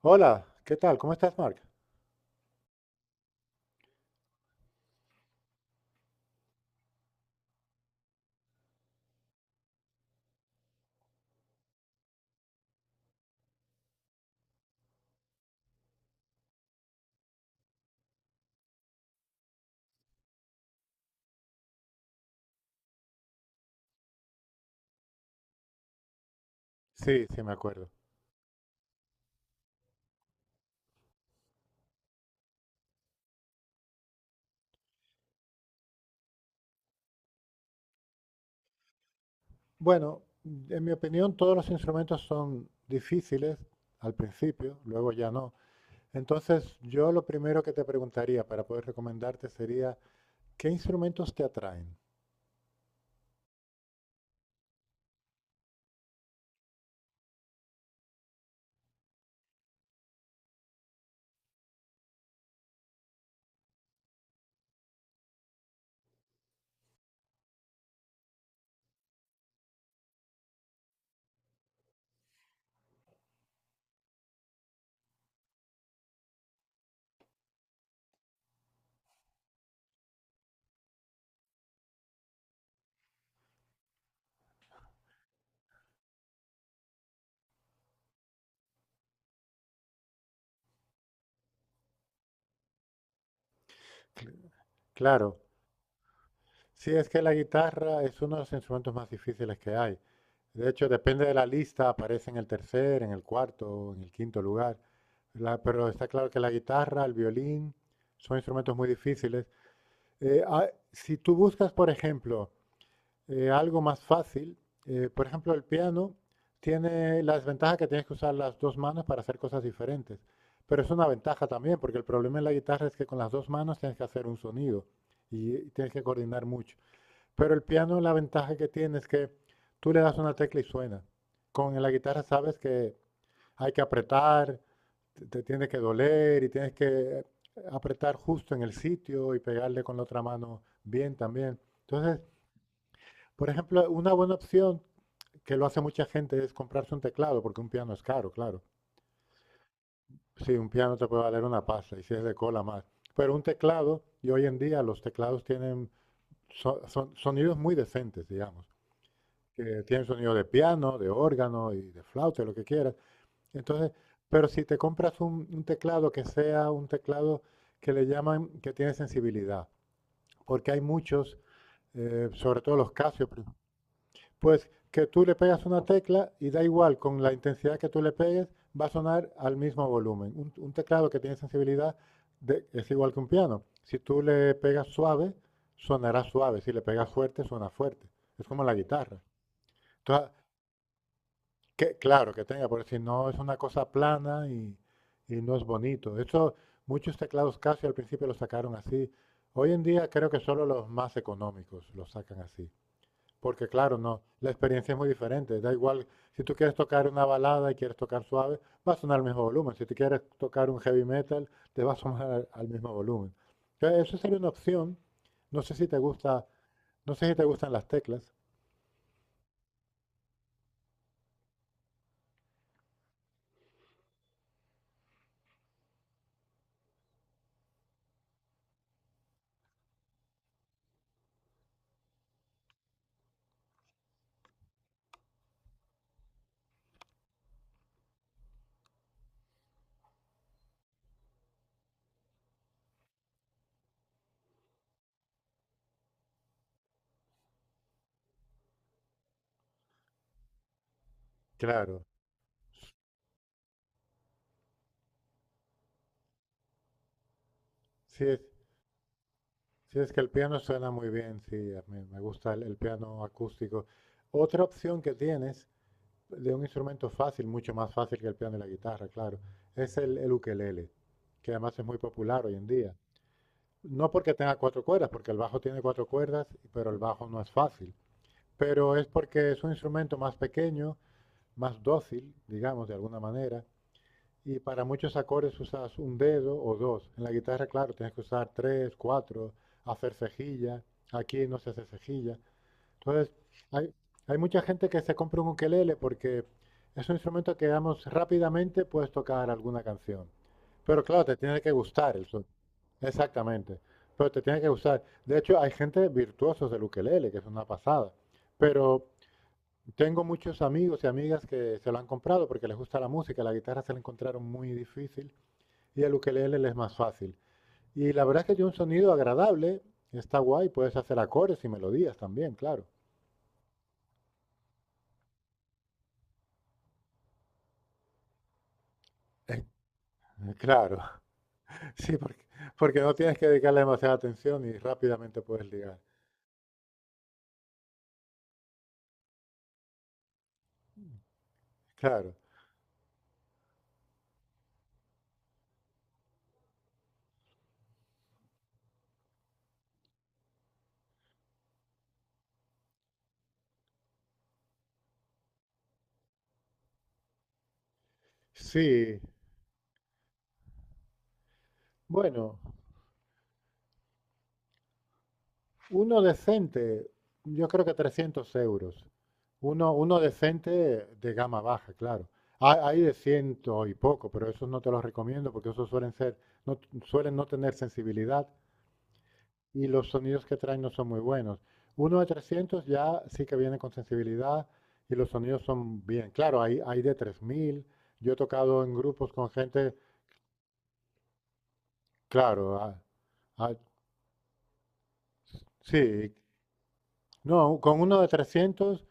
Hola, ¿qué tal? ¿Cómo estás, Mark? Sí, sí, me acuerdo. Bueno, en mi opinión, todos los instrumentos son difíciles al principio, luego ya no. Entonces, yo lo primero que te preguntaría para poder recomendarte sería, ¿qué instrumentos te atraen? Claro, sí, es que la guitarra es uno de los instrumentos más difíciles que hay. De hecho, depende de la lista, aparece en el tercer, en el cuarto, en el quinto lugar. Pero está claro que la guitarra, el violín, son instrumentos muy difíciles. Si tú buscas, por ejemplo, algo más fácil, por ejemplo, el piano tiene la desventaja que tienes que usar las dos manos para hacer cosas diferentes. Pero es una ventaja también, porque el problema en la guitarra es que con las dos manos tienes que hacer un sonido y tienes que coordinar mucho. Pero el piano, la ventaja que tiene es que tú le das una tecla y suena. Con la guitarra sabes que hay que apretar, te tiene que doler y tienes que apretar justo en el sitio y pegarle con la otra mano bien también. Entonces, por ejemplo, una buena opción que lo hace mucha gente es comprarse un teclado, porque un piano es caro, claro. Sí, un piano te puede valer una pasta y si es de cola más. Pero un teclado, y hoy en día los teclados tienen sonidos muy decentes, digamos. Que tienen sonido de piano, de órgano y de flauta, lo que quieras. Entonces, pero si te compras un teclado que sea un teclado que le llaman que tiene sensibilidad, porque hay muchos, sobre todo los Casio, pues que tú le pegas una tecla y da igual con la intensidad que tú le pegues, va a sonar al mismo volumen. Un teclado que tiene sensibilidad es igual que un piano. Si tú le pegas suave, sonará suave. Si le pegas fuerte, suena fuerte. Es como la guitarra. Entonces, que, claro, que tenga, porque si no es una cosa plana y no es bonito. De hecho, muchos teclados Casio al principio los sacaron así. Hoy en día creo que solo los más económicos los sacan así. Porque claro, no, la experiencia es muy diferente. Da igual, si tú quieres tocar una balada y quieres tocar suave, va a sonar al mismo volumen. Si tú quieres tocar un heavy metal, te va a sonar al mismo volumen. Entonces, eso sería una opción. No sé si te gusta, no sé si te gustan las teclas. Claro, sí, sí, es que el piano suena muy bien, sí, a mí me gusta el piano acústico. Otra opción que tienes de un instrumento fácil, mucho más fácil que el piano y la guitarra, claro, es el ukelele, que además es muy popular hoy en día. No porque tenga cuatro cuerdas, porque el bajo tiene cuatro cuerdas, pero el bajo no es fácil. Pero es porque es un instrumento más pequeño, más dócil, digamos, de alguna manera, y para muchos acordes usas un dedo o dos. En la guitarra, claro, tienes que usar tres, cuatro, hacer cejilla. Aquí no se hace cejilla. Entonces, hay, hay mucha gente que se compra un ukelele porque es un instrumento que, digamos, rápidamente puedes tocar alguna canción. Pero claro, te tiene que gustar el son. Exactamente. Pero te tiene que gustar. De hecho, hay gente virtuosos del ukelele, que es una pasada. Pero tengo muchos amigos y amigas que se lo han comprado porque les gusta la música, la guitarra se la encontraron muy difícil y el ukelele le es más fácil. Y la verdad es que tiene un sonido agradable, está guay, puedes hacer acordes y melodías también, claro. Eh, claro, sí, porque, porque no tienes que dedicarle demasiada atención y rápidamente puedes ligar. Claro, sí. Bueno, uno decente, yo creo que 300 euros. Uno decente de gama baja, claro. Hay de ciento y poco, pero esos no te los recomiendo porque esos suelen ser, no, suelen no tener sensibilidad y los sonidos que traen no son muy buenos. Uno de 300 ya sí que viene con sensibilidad y los sonidos son bien. Claro, hay de 3.000. Yo he tocado en grupos con gente, claro, a- sí, no, con uno de 300.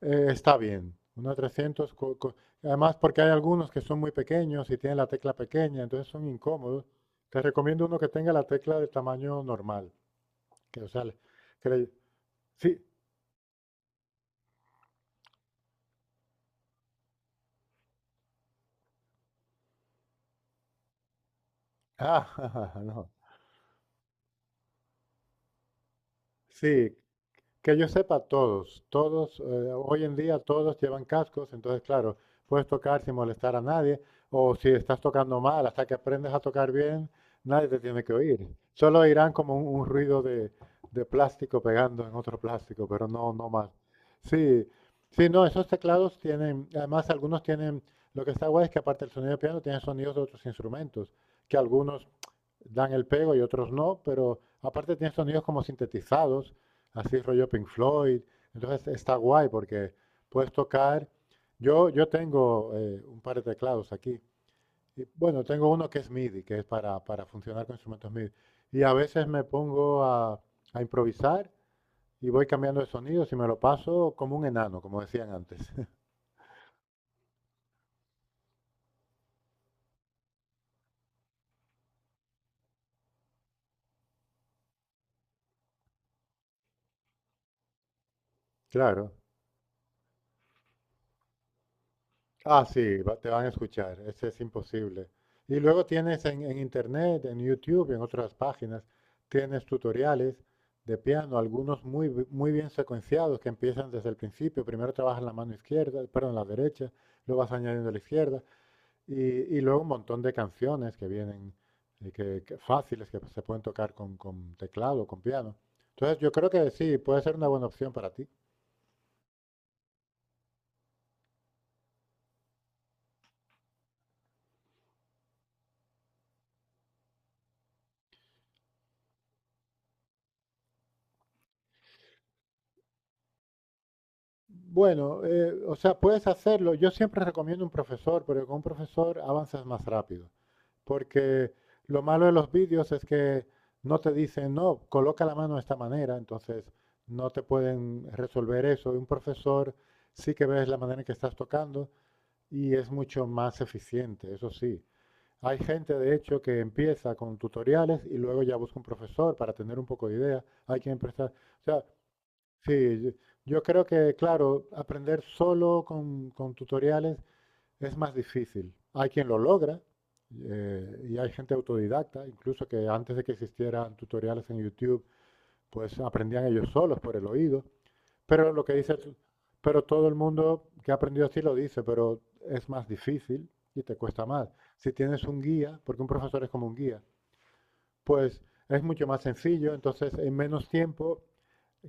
Está bien, unos 300. Además, porque hay algunos que son muy pequeños y tienen la tecla pequeña, entonces son incómodos. Te recomiendo uno que tenga la tecla de tamaño normal. Que, o sea, que le- sí, ah, no, sí, que yo sepa, todos, todos, hoy en día todos llevan cascos, entonces claro, puedes tocar sin molestar a nadie, o si estás tocando mal, hasta que aprendes a tocar bien, nadie te tiene que oír. Solo oirán como un ruido de plástico pegando en otro plástico, pero no, no más. Sí, sí, no, esos teclados tienen, además algunos tienen, lo que está guay es que aparte del sonido de piano, tienen sonidos de otros instrumentos, que algunos dan el pego y otros no, pero aparte tienen sonidos como sintetizados así rollo Pink Floyd. Entonces está guay porque puedes tocar. Yo tengo un par de teclados aquí. Y, bueno, tengo uno que es MIDI, que es para funcionar con instrumentos MIDI. Y a veces me pongo a improvisar y voy cambiando de sonidos y me lo paso como un enano, como decían antes. Claro. Ah, sí, te van a escuchar, ese es imposible. Y luego tienes en internet, en YouTube, en otras páginas, tienes tutoriales de piano, algunos muy, muy bien secuenciados que empiezan desde el principio. Primero trabajas la mano izquierda, perdón, la derecha, luego vas añadiendo la izquierda y, y luego un montón de canciones que vienen que fáciles que se pueden tocar con teclado, con piano. Entonces yo creo que sí, puede ser una buena opción para ti. Bueno, o sea, puedes hacerlo. Yo siempre recomiendo un profesor, porque con un profesor avanzas más rápido. Porque lo malo de los vídeos es que no te dicen, no, coloca la mano de esta manera, entonces no te pueden resolver eso. Y un profesor sí que ves la manera en que estás tocando y es mucho más eficiente, eso sí. Hay gente, de hecho, que empieza con tutoriales y luego ya busca un profesor para tener un poco de idea. Hay quien prestar. O sea, sí, yo creo que, claro, aprender solo con tutoriales es más difícil. Hay quien lo logra y hay gente autodidacta, incluso que antes de que existieran tutoriales en YouTube, pues aprendían ellos solos por el oído. Pero lo que dice, pero todo el mundo que ha aprendido así lo dice, pero es más difícil y te cuesta más. Si tienes un guía, porque un profesor es como un guía, pues es mucho más sencillo, entonces en menos tiempo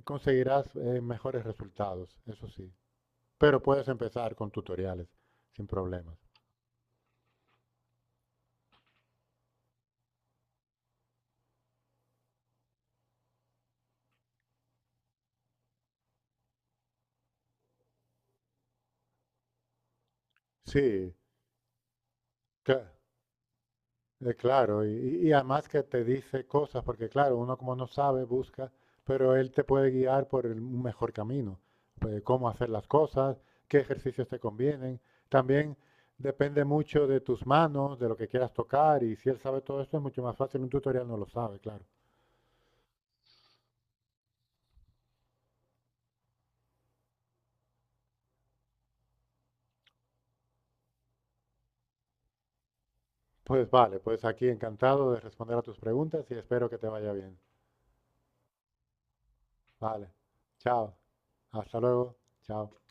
conseguirás mejores resultados, eso sí. Pero puedes empezar con tutoriales sin problemas. Sí, cla- claro. Y además que te dice cosas, porque claro, uno como no sabe, busca, pero él te puede guiar por el un mejor camino. Cómo hacer las cosas, qué ejercicios te convienen. También depende mucho de tus manos, de lo que quieras tocar. Y si él sabe todo esto, es mucho más fácil. Un tutorial no lo sabe, claro. Pues vale, pues aquí encantado de responder a tus preguntas y espero que te vaya bien. Vale. Chao. Hasta luego. Chao.